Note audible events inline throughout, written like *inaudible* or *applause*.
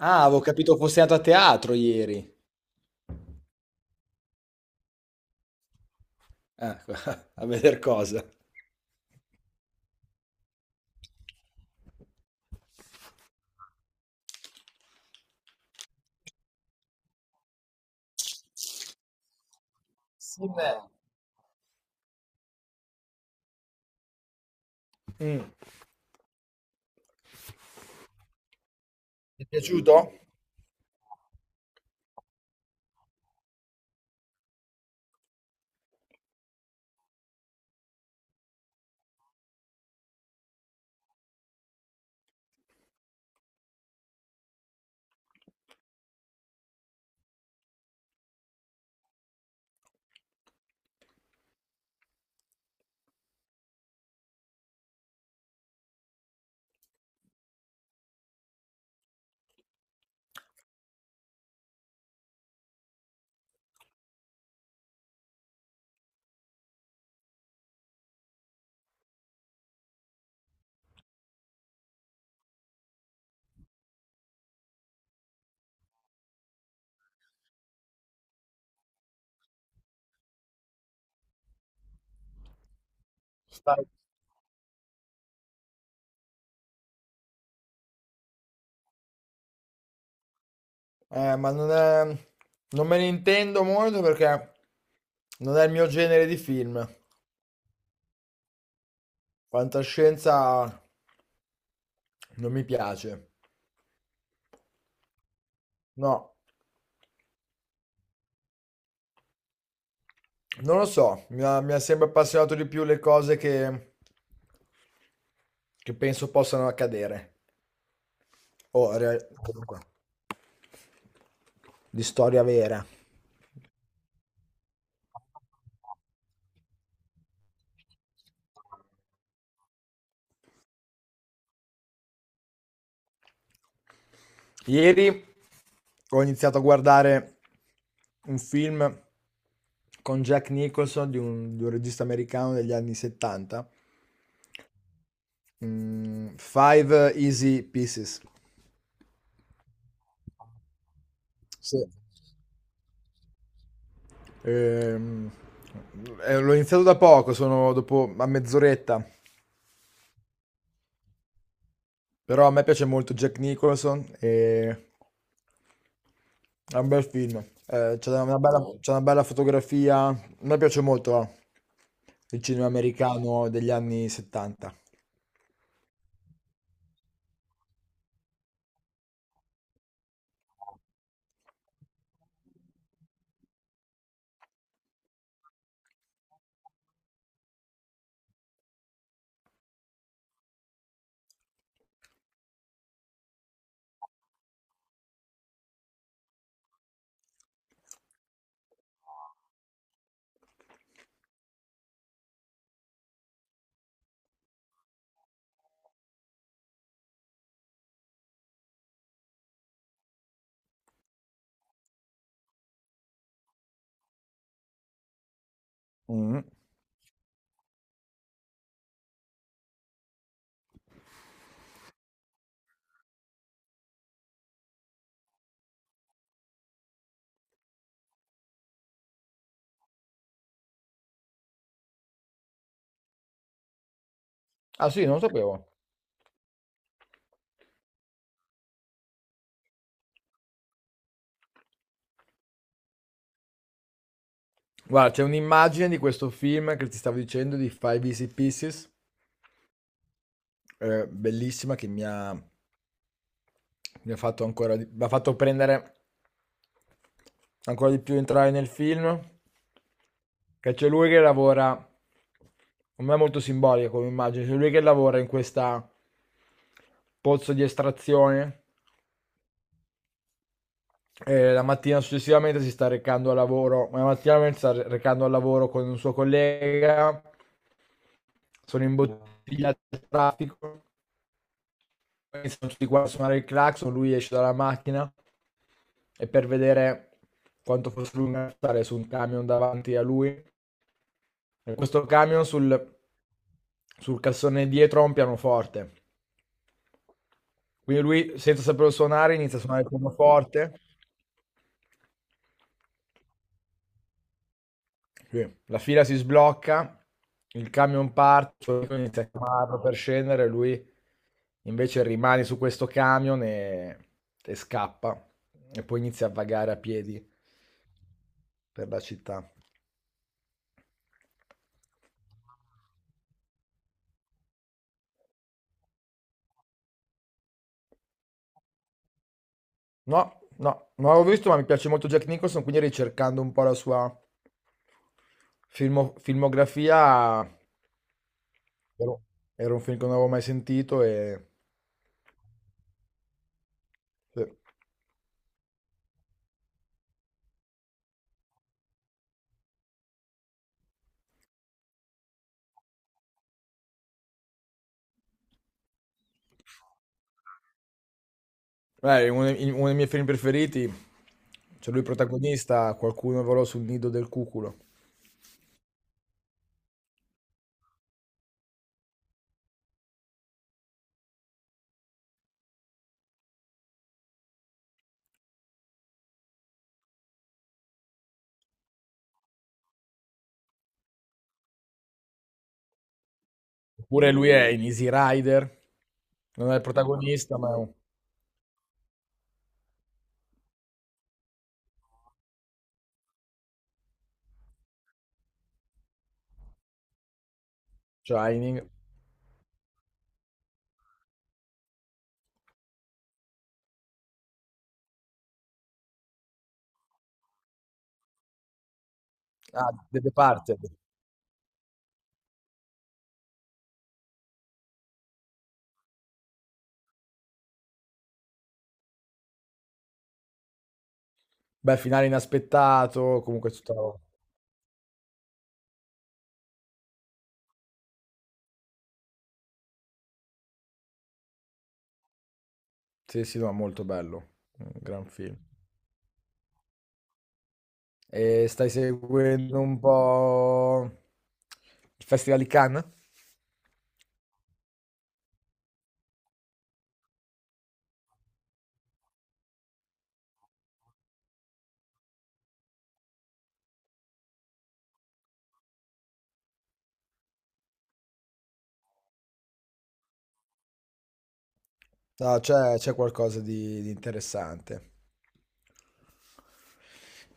Ah, avevo capito fosse andato a teatro ieri. Ah, *laughs* a veder cosa. Sim, Mm. Ti è piaciuto? Stai- ma non è... non me ne intendo molto perché non è il mio genere di film. Fantascienza non mi piace. No, non lo so, mi ha sempre appassionato di più le cose che penso possano accadere. Comunque, di storia vera. Ieri ho iniziato a guardare un film con Jack Nicholson di un regista americano degli anni 70, Five Easy Pieces. Sì. Ehm, L'ho iniziato da poco, sono dopo a mezz'oretta, però a me piace molto Jack Nicholson e è un bel film. C'è una bella, Mm. c'è una bella fotografia. A me piace molto il cinema americano degli anni 70. Mm. Ah sì, non lo sapevo. Guarda, c'è un'immagine di questo film che ti stavo dicendo di Five Easy Pieces, bellissima, mi ha fatto ancora, mi ha fatto prendere ancora di più entrare nel film, che c'è lui che lavora, per me è molto simbolica come immagine, c'è lui che lavora in questa pozzo di estrazione e la mattina successivamente si sta recando al lavoro, ma la mattina si sta recando al lavoro con un suo collega, sono imbottigliati dal traffico, iniziano tutti qua a suonare il clacson, lui esce dalla macchina e per vedere quanto fosse lunga stare su un camion davanti a lui. Questo camion sul cassone dietro ha un pianoforte. Quindi lui, senza saperlo suonare, inizia a suonare il pianoforte. Sì. La fila si sblocca, il camion parte, il suo amico inizia a chiamarlo per scendere, lui invece rimane su questo camion e scappa. E poi inizia a vagare a piedi per la città. No, no, non l'avevo visto, ma mi piace molto Jack Nicholson, quindi ricercando un po' la sua filmografia, ero- era un film che non avevo mai sentito e... sì. Uno dei miei film preferiti, c'è lui protagonista, qualcuno volò sul nido del cuculo. Oppure lui è in Easy Rider, non è il protagonista, ma è un Shining. Ah, The Departed. Beh, finale inaspettato, comunque tutta... Sì, sì, no, molto bello, un gran film. E stai seguendo un po' il Festival di Cannes? No, c'è qualcosa di interessante.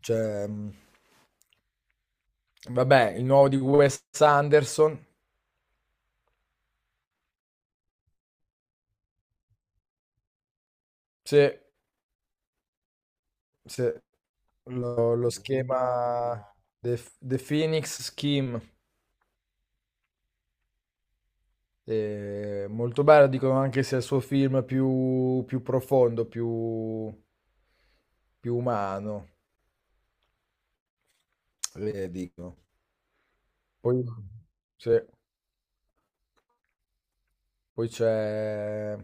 C'è, vabbè, il nuovo di Wes Anderson. Sì, sì. Lo schema The Phoenix Scheme. Molto bello, dicono anche sia il suo film più profondo, più, più umano, dicono. Poi, sì. Poi c'è,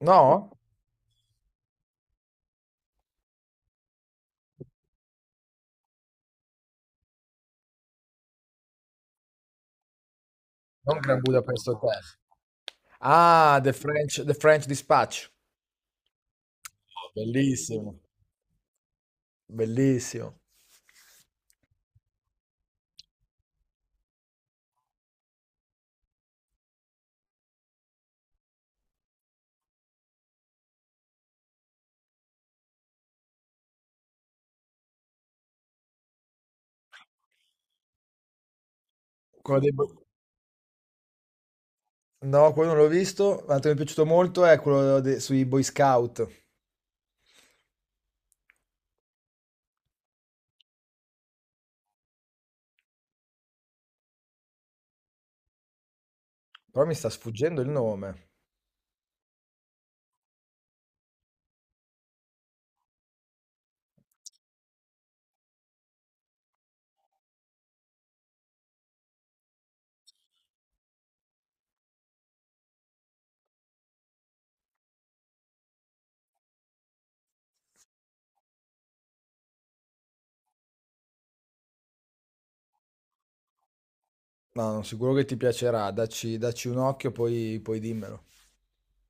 no? Non Grand Budapest Hotel. Ah, The French Dispatch. Bellissimo, bellissimo. Quello dei bo No, quello non l'ho visto. L'altro che mi è piaciuto molto è quello de sui Boy Scout, però mi sta sfuggendo il nome. No, no, sicuro che ti piacerà. Dacci un occhio, poi dimmelo.